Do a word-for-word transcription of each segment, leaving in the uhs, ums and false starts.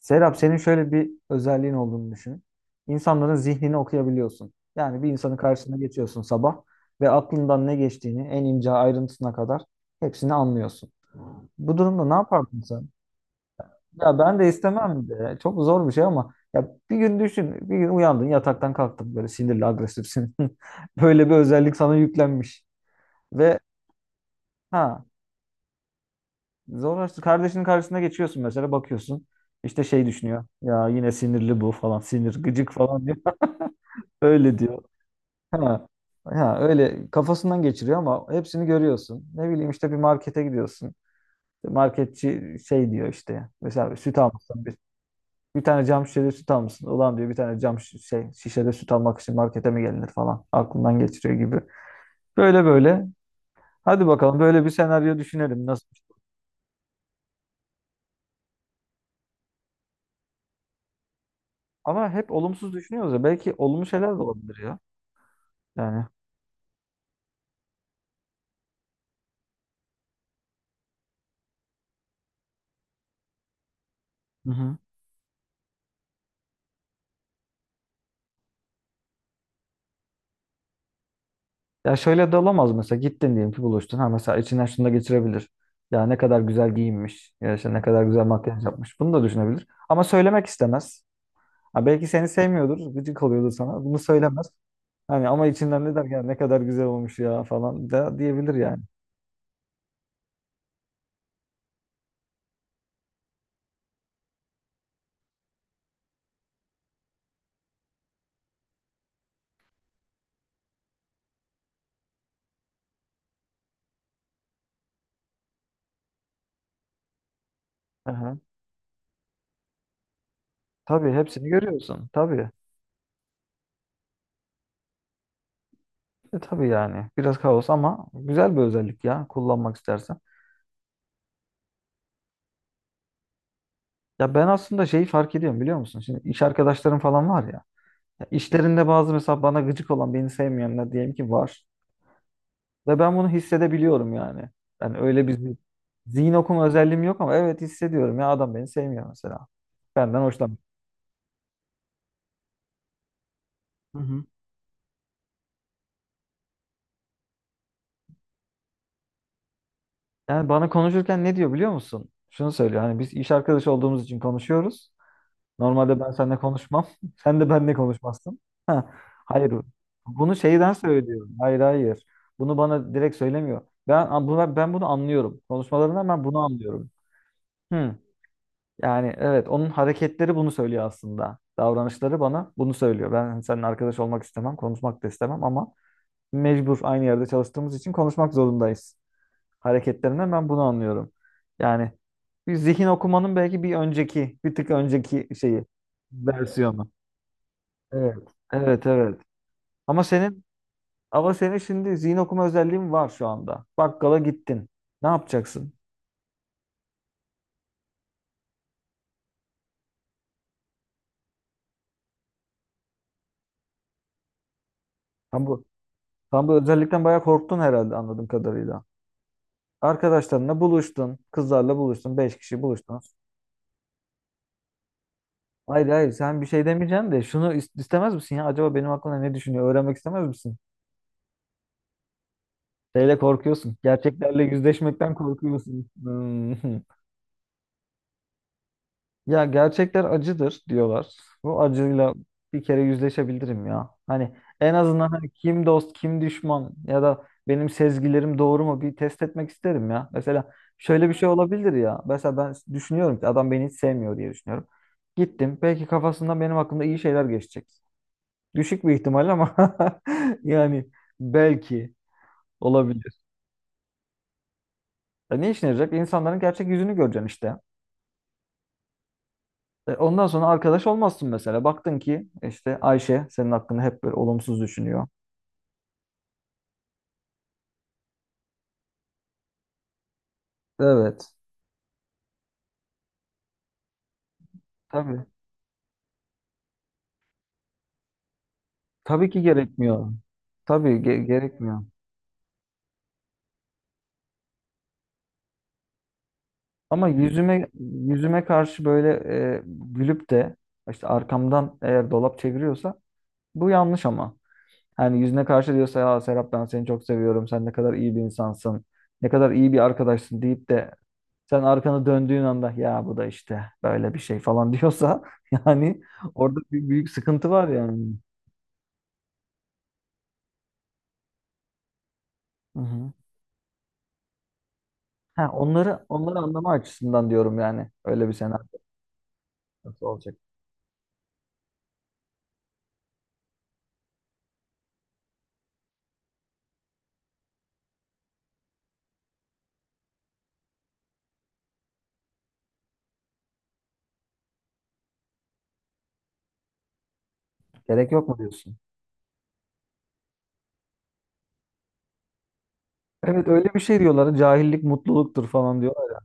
Serap senin şöyle bir özelliğin olduğunu düşün. İnsanların zihnini okuyabiliyorsun. Yani bir insanın karşısına geçiyorsun sabah ve aklından ne geçtiğini en ince ayrıntısına kadar hepsini anlıyorsun. Bu durumda ne yapardın sen? Ya ben de istemem de. Çok zor bir şey ama ya bir gün düşün. Bir gün uyandın yataktan kalktın böyle sinirli agresifsin. Böyle bir özellik sana yüklenmiş. Ve ha, zorlaştı. Kardeşinin karşısına geçiyorsun mesela bakıyorsun. İşte şey düşünüyor. Ya yine sinirli bu falan. Sinir gıcık falan diyor. Öyle diyor. Ha. Ha, öyle kafasından geçiriyor ama hepsini görüyorsun. Ne bileyim işte bir markete gidiyorsun. Marketçi şey diyor işte. Mesela bir süt almışsın. Bir, bir tane cam şişede süt almışsın. Ulan diyor bir tane cam şi- şey, şişede süt almak için markete mi gelinir falan. Aklından geçiriyor gibi. Böyle böyle. Hadi bakalım böyle bir senaryo düşünelim. Nasıl? Ama hep olumsuz düşünüyoruz ya. Belki olumlu şeyler de olabilir ya. Yani. Hı hı. Ya şöyle de olamaz mesela gittin diyelim ki buluştun. Ha mesela içinden şunu da geçirebilir. Ya ne kadar güzel giyinmiş. Ya işte ne kadar güzel makyaj yapmış. Bunu da düşünebilir. Ama söylemek istemez. Ha belki seni sevmiyordur. Gıcık oluyordur sana. Bunu söylemez. Hani ama içinden ne der ya ne kadar güzel olmuş ya falan da diyebilir yani. Aha. Tabii hepsini görüyorsun. Tabii. E, tabii yani. Biraz kaos ama güzel bir özellik ya kullanmak istersen. Ya ben aslında şeyi fark ediyorum biliyor musun? Şimdi iş arkadaşlarım falan var ya. Ya İşlerinde bazı mesela bana gıcık olan, beni sevmeyenler diyelim ki var. Ve ben bunu hissedebiliyorum yani. Ben öyle bir zi- zihin okuma özelliğim yok ama evet hissediyorum ya adam beni sevmiyor mesela. Benden hoşlanmıyor. Hı hı. Yani bana konuşurken ne diyor biliyor musun? Şunu söylüyor hani biz iş arkadaşı olduğumuz için konuşuyoruz. Normalde ben seninle konuşmam. Sen de benimle konuşmazsın. Ha, hayır. Bunu şeyden söylüyor. Hayır hayır. Bunu bana direkt söylemiyor. Ben, ben bunu anlıyorum. Konuşmalarından ben bunu anlıyorum. Hmm. Yani evet onun hareketleri bunu söylüyor aslında. Davranışları bana bunu söylüyor. Ben hani, seninle arkadaş olmak istemem, konuşmak da istemem ama mecbur aynı yerde çalıştığımız için konuşmak zorundayız. Hareketlerinden ben bunu anlıyorum. Yani bir zihin okumanın belki bir önceki, bir tık önceki şeyi, versiyonu. Evet. Evet, evet. Ama senin ama senin şimdi zihin okuma özelliğin var şu anda. Bakkala gittin. Ne yapacaksın? Tam bu tam bu özellikten bayağı korktun herhalde anladığım kadarıyla. Arkadaşlarınla buluştun. Kızlarla buluştun. Beş kişi buluştunuz. Hayır hayır sen bir şey demeyeceksin de şunu is- istemez misin ya? Acaba benim hakkında ne düşünüyor? Öğrenmek istemez misin? Şeyle korkuyorsun. Gerçeklerle yüzleşmekten korkuyorsun. Hmm. Ya gerçekler acıdır diyorlar. Bu acıyla bir kere yüzleşebilirim ya. Hani en azından hani kim dost kim düşman ya da benim sezgilerim doğru mu bir test etmek isterim ya. Mesela şöyle bir şey olabilir ya. Mesela ben düşünüyorum ki adam beni hiç sevmiyor diye düşünüyorum. Gittim. Belki kafasından benim hakkında iyi şeyler geçecek. Düşük bir ihtimal ama yani belki olabilir. Ya ne işine yarayacak? İnsanların gerçek yüzünü göreceksin işte. E, Ondan sonra arkadaş olmazsın mesela. Baktın ki işte Ayşe senin hakkında hep böyle olumsuz düşünüyor. Evet. Tabii. Tabii ki gerekmiyor. Tabii ge- gerekmiyor. Ama yüzüme yüzüme karşı böyle e, gülüp de işte arkamdan eğer dolap çeviriyorsa bu yanlış ama. Hani yüzüne karşı diyorsa ya Serap ben seni çok seviyorum. Sen ne kadar iyi bir insansın. Ne kadar iyi bir arkadaşsın deyip de sen arkanı döndüğün anda ya bu da işte böyle bir şey falan diyorsa yani orada bir büyük sıkıntı var yani. Hı hı. Ha, onları onları anlama açısından diyorum yani. Öyle bir senaryo nasıl olacak? Gerek yok mu diyorsun? Evet öyle bir şey diyorlar. Cahillik mutluluktur falan diyorlar ya.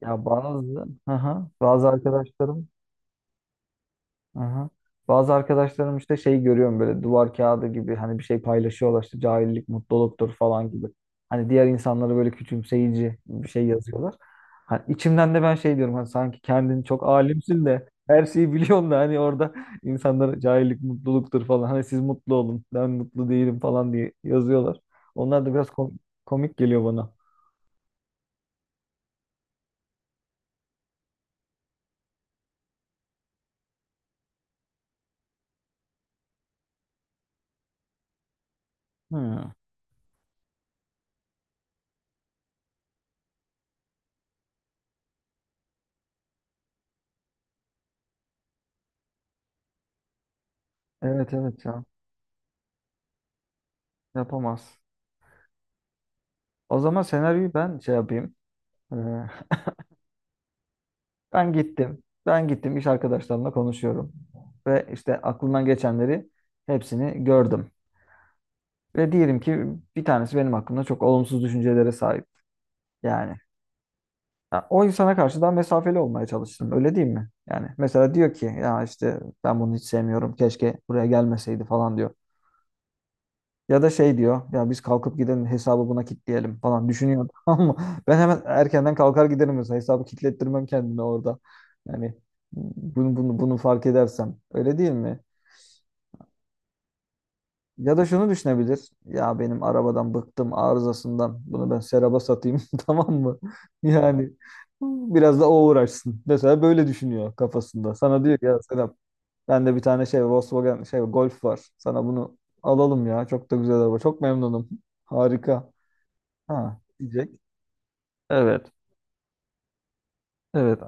Ya bazı hı hı, bazı arkadaşlarım. Aha. Bazı arkadaşlarım işte şey görüyorum böyle duvar kağıdı gibi hani bir şey paylaşıyorlar işte cahillik mutluluktur falan gibi. Hani diğer insanları böyle küçümseyici bir şey yazıyorlar. Hani içimden de ben şey diyorum hani sanki kendini çok alimsin de her şeyi biliyorsun da hani orada insanlara cahillik mutluluktur falan hani siz mutlu olun ben mutlu değilim falan diye yazıyorlar. Onlar da biraz kom- komik geliyor bana. Hmm. Evet evet ya yapamaz. O zaman senaryoyu ben şey yapayım. Ben gittim. Ben gittim. İş arkadaşlarımla konuşuyorum. Ve işte aklımdan geçenleri hepsini gördüm. Ve diyelim ki bir tanesi benim hakkımda çok olumsuz düşüncelere sahip. Yani ya o insana karşı daha mesafeli olmaya çalıştım. Öyle değil mi? Yani mesela diyor ki ya işte ben bunu hiç sevmiyorum. Keşke buraya gelmeseydi falan diyor. Ya da şey diyor ya biz kalkıp gidelim hesabı buna kilitleyelim falan düşünüyor. Ama ben hemen erkenden kalkar giderim mesela hesabı kilitlettirmem kendime orada. Yani bunu, bunu, bunu fark edersem öyle değil mi? Ya da şunu düşünebilir. Ya benim arabadan bıktım arızasından bunu ben Serap'a satayım tamam mı? Yani biraz da o uğraşsın. Mesela böyle düşünüyor kafasında. Sana diyor ki, ya Serap bende bir tane şey Volkswagen şey Golf var. Sana bunu alalım ya çok da güzel araba çok memnunum. Harika. Ha, diyecek. Evet. Evet.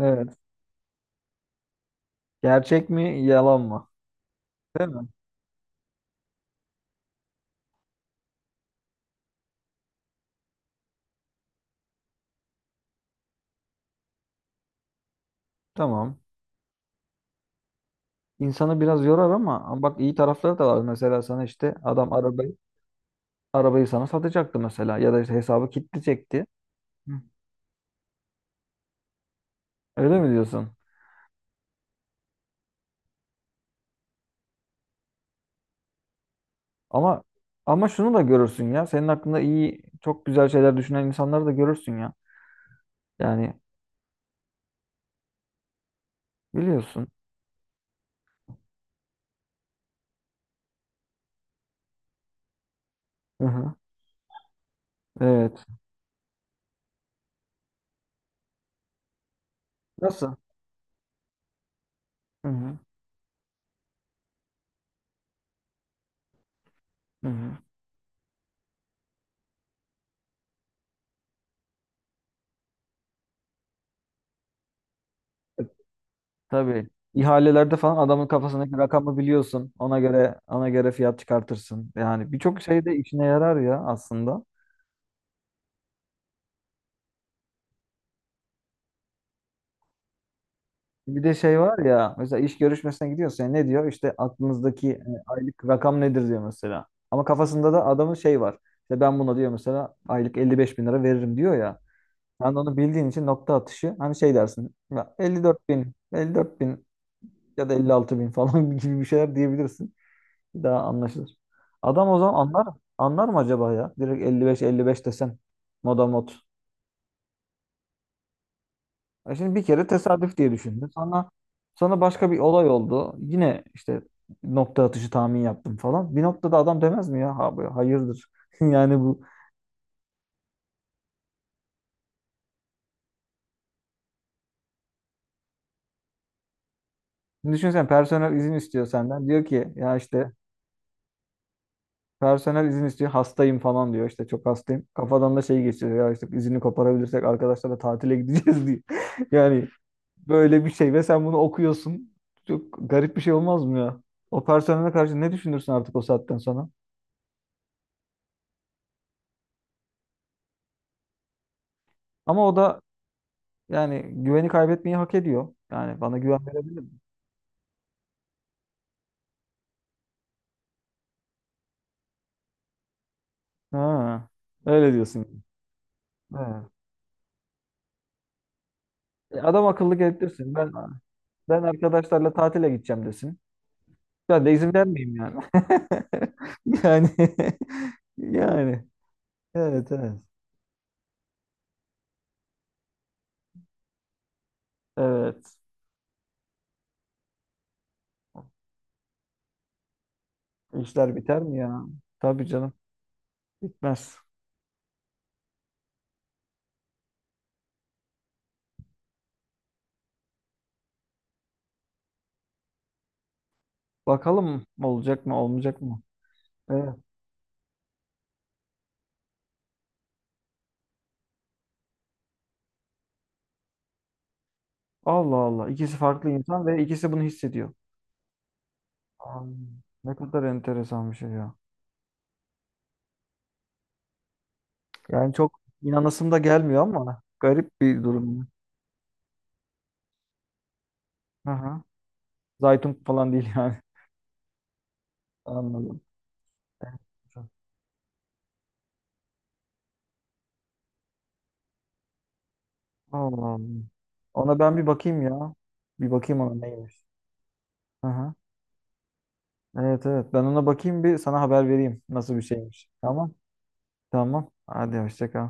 Evet. Gerçek mi, yalan mı? Değil mi? Tamam. İnsanı biraz yorar ama ama bak iyi tarafları da var. Mesela sana işte adam arabayı arabayı sana satacaktı mesela ya da işte hesabı kilitleyecekti. Hı. Öyle mi diyorsun? Ama ama şunu da görürsün ya. Senin hakkında iyi, çok güzel şeyler düşünen insanları da görürsün ya. Yani biliyorsun. Hı hı. Evet. Nasıl? Hı hı. Hı hı. Tabii. İhalelerde falan adamın kafasındaki rakamı biliyorsun. Ona göre ona göre fiyat çıkartırsın. Yani birçok şey de işine yarar ya aslında. Bir de şey var ya mesela iş görüşmesine gidiyorsun. Ya, ne diyor? İşte aklınızdaki e, aylık rakam nedir diyor mesela. Ama kafasında da adamın şey var. İşte ben buna diyor mesela aylık elli beş bin lira veririm diyor ya. Sen de onu bildiğin için nokta atışı hani şey dersin. Ya elli dört bin, elli dört bin ya da elli altı bin falan gibi bir şeyler diyebilirsin. Bir daha anlaşılır. Adam o zaman anlar anlar mı acaba ya? Direkt elli beş elli beş desen moda mod. E şimdi bir kere tesadüf diye düşündüm. Sonra sonra başka bir olay oldu. Yine işte nokta atışı tahmin yaptım falan. Bir noktada adam demez mi ya? Ha, bu- hayırdır. Yani bu. Şimdi düşünsen personel izin istiyor senden. Diyor ki ya işte personel izin istiyor. Hastayım falan diyor. İşte çok hastayım. Kafadan da şey geçiyor. Ya işte izini koparabilirsek arkadaşlarla tatile gideceğiz diyor. Yani böyle bir şey ve sen bunu okuyorsun. Çok garip bir şey olmaz mı ya? O personele karşı ne düşünürsün artık o saatten sonra? Ama o da yani güveni kaybetmeyi hak ediyor. Yani bana güven verebilir mi? Ha, öyle diyorsun. Ha. E, Adam akıllı getirsin. Ben ben arkadaşlarla tatile gideceğim desin. Ben de izin vermeyeyim yani. Yani yani evet evet. Evet. İşler biter mi ya? Tabii canım. Bitmez. Bakalım olacak mı olmayacak mı? Evet. Allah Allah. İkisi farklı insan ve ikisi bunu hissediyor. Ay, ne kadar enteresan bir şey ya. Yani çok inanasım da gelmiyor ama garip bir durum. Hı hı. Zaytun falan değil yani. Anladım. Enteresan. Allah Allah. Ona ben bir bakayım ya. Bir bakayım ona neymiş. Hı hı. Evet evet. Ben ona bakayım bir sana haber vereyim nasıl bir şeymiş. Tamam. Tamam. Hadi hoşça kal.